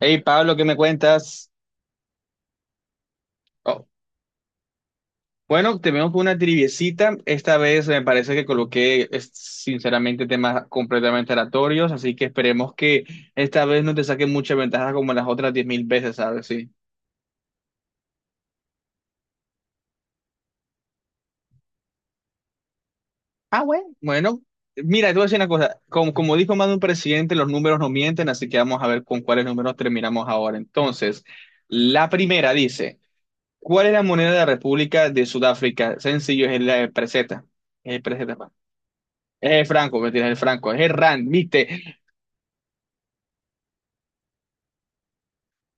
Hey Pablo, ¿qué me cuentas? Oh, bueno, tenemos una triviecita. Esta vez me parece que coloqué, sinceramente, temas completamente aleatorios, así que esperemos que esta vez no te saque mucha ventaja como las otras 10.000 veces, ¿sabes? Sí. Ah, bueno. Bueno, mira, te voy a decir una cosa. Como dijo más de un presidente, los números no mienten, así que vamos a ver con cuáles números terminamos ahora. Entonces, la primera dice, ¿cuál es la moneda de la República de Sudáfrica? Sencillo, es la peseta. Es peseta. Es el Franco, mentira, es el Franco, es el Rand, viste.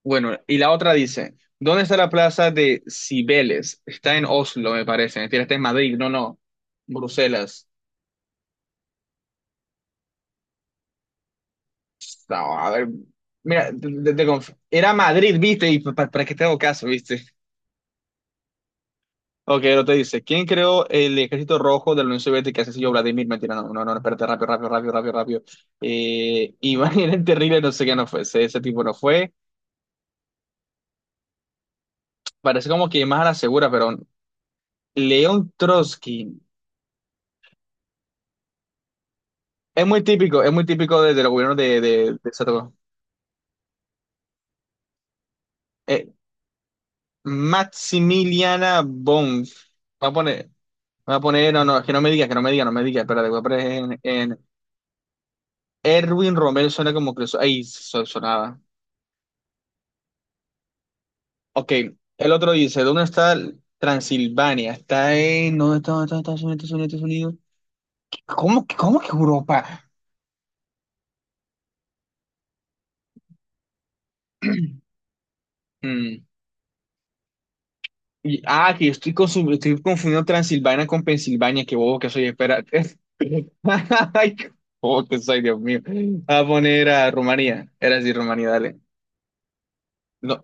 Bueno, y la otra dice, ¿dónde está la plaza de Cibeles? Está en Oslo, me parece, mentira, está en Madrid, no, no, Bruselas. No, a ver, mira, era Madrid, viste, y para que te hago caso, viste. Ok, lo te dice, ¿quién creó el ejército rojo de la Unión Soviética? Ese sí, yo, Vladimir, mentira, no, no, no, espérate, rápido, rápido, rápido, rápido, rápido. Iván era el terrible, no sé qué no fue, ese tipo no fue. Parece como que más a la segura, pero. León Trotsky. Es muy típico de los gobiernos de Sarko. Eh, Maximiliana Bonf. Voy a poner, voy a poner, no, no, que no me digas, que no me digas, no me digas, espérate, voy a poner en Erwin Romero, suena como que eso, ahí sonaba. Ok, el otro dice, ¿dónde está Transilvania? Está en, dónde está- Estados Unidos, Estados Unidos, ¿Estados Unidos? ¿Cómo que Europa? Mm. Y, que estoy confundiendo Transilvania con Pensilvania, qué bobo que soy, espera. Ay, ¿cómo que soy, Dios mío? A poner a Rumanía. Era así, Rumanía, dale. No.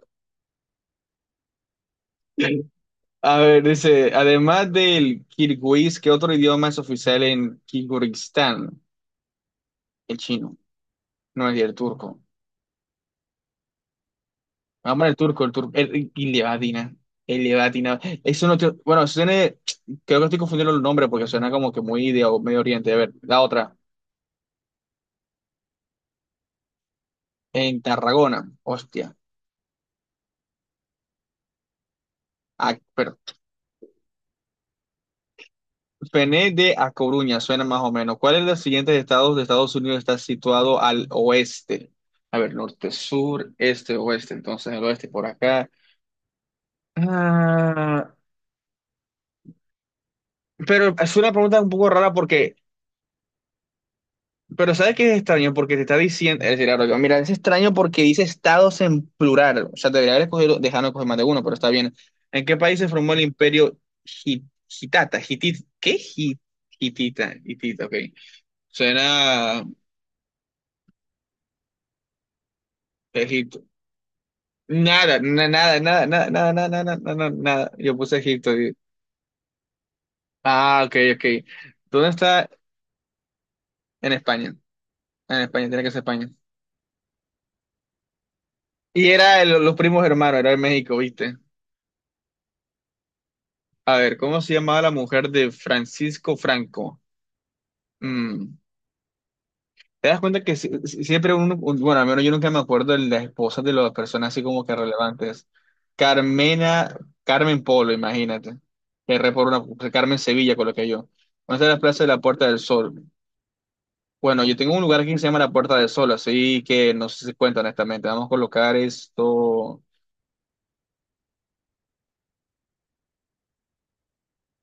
A ver, dice, además del kirguís, ¿qué otro idioma es oficial en Kirguistán? El chino, no es el turco. Vamos a el turco, y le va a atinar, el le va a atinar. Eso no, bueno, eso tiene, creo que estoy confundiendo los nombres porque suena como que muy de Medio Oriente. A ver, la otra, en Tarragona, hostia. Ah, Pené de A Coruña, suena más o menos. ¿Cuál es de los siguientes estados de Estados Unidos está situado al oeste? A ver, norte, sur, este, oeste. Entonces, el oeste por acá. Ah, pero es una pregunta un poco rara pero ¿sabes qué es extraño? Porque te está diciendo, es decir, ahora yo, mira, es extraño porque dice estados en plural. O sea, debería haber escogido, dejarnos escoger más de uno, pero está bien. ¿En qué país se formó el imperio Hit- Hitata? Hitit, ¿qué? Hitita, ok. Suena. Egipto. Nada, nada, nada, nada, nada, nada, nada, nada, nada. Yo puse Egipto. Ah, ok, ok. ¿Dónde está? En España. En España, tiene que ser España. Y era los primos hermanos, era de México, ¿viste? A ver, ¿cómo se llamaba la mujer de Francisco Franco? Mm, ¿Te das cuenta que siempre uno, bueno, al menos yo nunca me acuerdo de las esposas de las personas así como que relevantes? Carmena, Carmen Polo, imagínate. Que re por una, Carmen Sevilla, coloqué yo. ¿Dónde está la Plaza de la Puerta del Sol? Bueno, yo tengo un lugar aquí que se llama la Puerta del Sol, así que no sé si cuenta honestamente. Vamos a colocar esto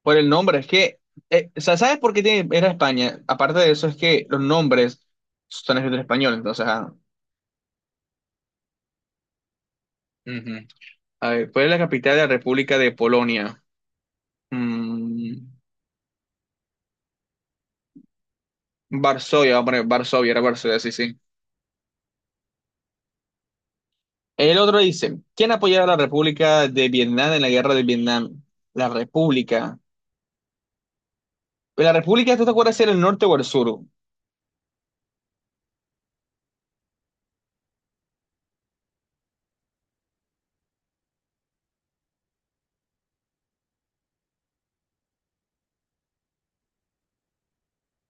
por el nombre. Es que, o sea, ¿sabes por qué era España? Aparte de eso, es que los nombres son escritos en español, entonces. Ujú. A ver, ¿cuál es la capital de la República de Polonia? Mm, Varsovia, vamos a poner Varsovia, era Varsovia, sí, sí. El otro dice, ¿quién apoyaba a la República de Vietnam en la guerra de Vietnam? La República. Pues ¿La República, tú te acuerdas si era el norte o el sur?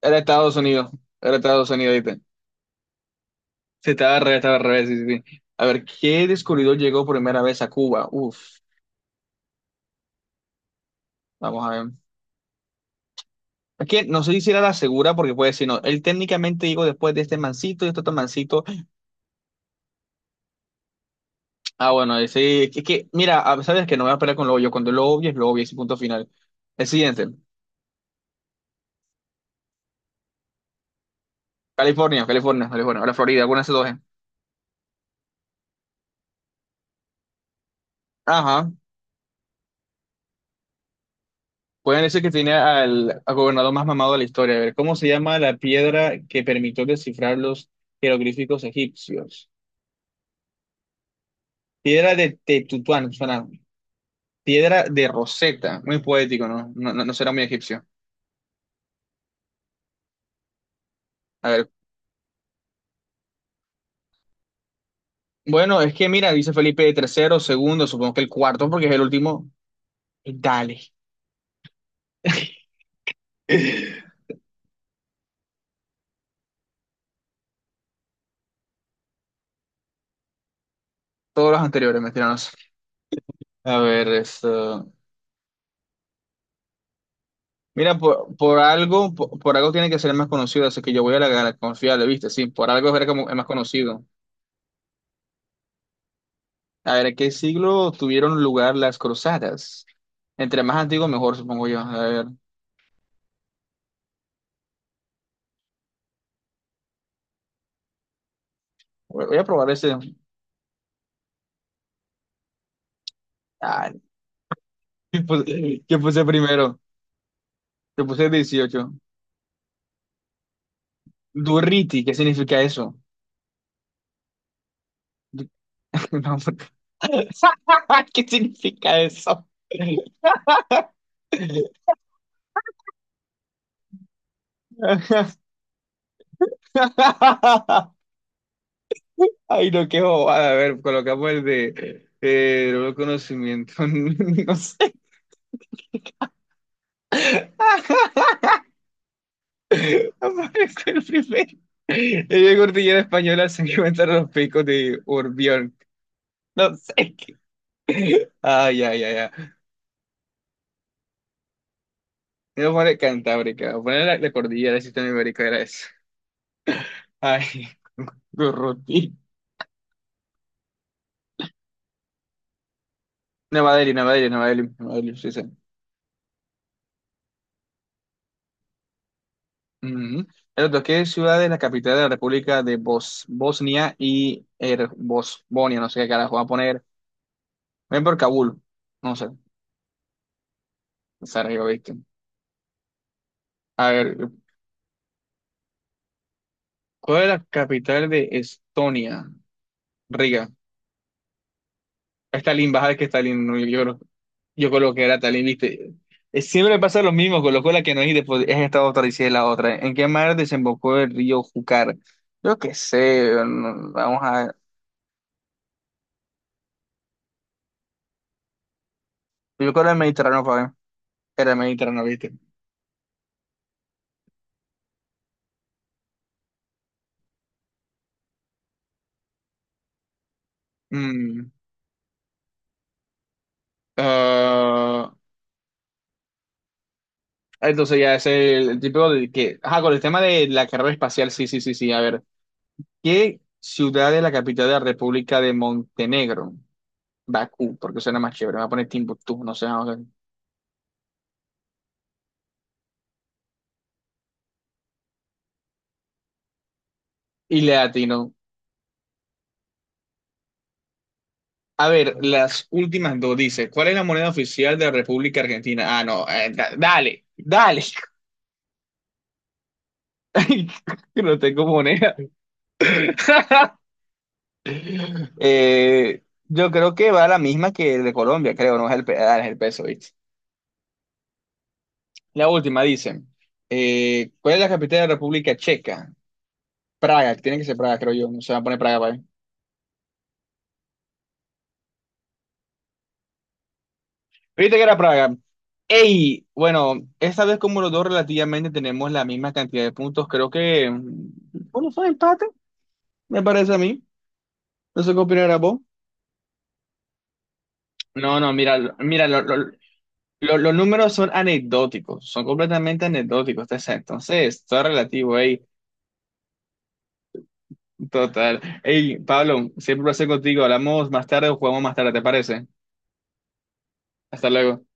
Era Estados Unidos, era Estados Unidos, ¿viste? Sí, estaba al revés, sí, sí, sí. A ver, ¿qué descubridor llegó primera vez a Cuba? Uf, vamos a ver. Es que no sé si era la segura, porque puede decir, no, él técnicamente llegó después de este mancito y este otro mancito. Ah, bueno, ese, es que, mira, sabes que no me voy a esperar con lo obvio, cuando lo obvio es lo obvio, ese punto final. El siguiente, California, California, California, ahora Florida, alguna de esas dos. Ajá. Pueden decir que tiene al gobernador más mamado de la historia. A ver, ¿cómo se llama la piedra que permitió descifrar los jeroglíficos egipcios? Piedra de Tetutuán, suena. Piedra de Rosetta. Muy poético, ¿no? No, no, no será muy egipcio. A ver, bueno, es que mira, dice Felipe tercero, segundo, supongo que el cuarto, porque es el último. Dale. Todos los anteriores, me tiranos. A ver, esto. Mira, por algo, por algo tiene que ser más conocido, así que yo voy a la confiable, ¿viste? Sí, por algo es ver es más conocido. A ver, ¿en qué siglo tuvieron lugar las cruzadas? Entre más antiguo, mejor, supongo yo. A ver, voy a probar ese. Ah, ¿qué puse primero? ¿Te puse 18? Durriti, ¿qué significa eso? No. ¿qué significa eso? Ay, no, qué bobada. A ver, colocamos el de nuevo conocimiento. No sé. Aparece el primero. En la cordillera española se encuentran los picos de Urbión. No sé qué. Ay, ya, ya, ay. Voy a poner Cantábrica. Voy a poner la cordillera del sistema ibérico. Era eso. Ay, Gurruti. Nueva Delhi, Nueva Delhi, Nueva Delhi. Nueva Delhi, sí, sí. Ujú. El otro, ¿qué ciudad es la capital de la República de Bosnia y Bosnia? No sé qué carajo. Voy a poner. Ven por Kabul. No sé. Sarajevo, ¿viste? A ver, ¿cuál es la capital de Estonia? Riga. Stalin, baja de que Stalin, no, yo coloqué que era Stalin, viste. Siempre pasa lo mismo, colocó la que no es y después es esta otra y si es la otra. ¿En qué mar desembocó el río Júcar? Yo qué sé, vamos a ver. Yo creo que era el Mediterráneo, fue. Era el Mediterráneo, viste. Mm, ah, entonces ya es el tipo de que. Ajá, con el tema de la carrera espacial, sí, sí, sí, sí. A ver, ¿qué ciudad es la capital de la República de Montenegro? Bakú, porque suena más chévere. Me va a poner Timbuktu, no sé. Y le atino. A ver, las últimas dos dice, ¿cuál es la moneda oficial de la República Argentina? Ah, no, dale, dale. Ay, no tengo moneda. Yo creo que va la misma que el de Colombia, creo, no es el peso, ¿viste? La última dice, ¿cuál es la capital de la República Checa? Praga, tiene que ser Praga, creo yo, no se va a poner Praga, ¿vale? Viste que era Praga. Ey, bueno, esta vez como los dos relativamente tenemos la misma cantidad de puntos, creo que ¿cómo fue el empate? Me parece a mí. No sé qué opinarás vos. No, no, mira, mira, los números son anecdóticos, son completamente anecdóticos. Te Entonces, todo es relativo, ey, total. Ey, Pablo, siempre un placer contigo. Hablamos más tarde o jugamos más tarde, ¿te parece? Hasta luego.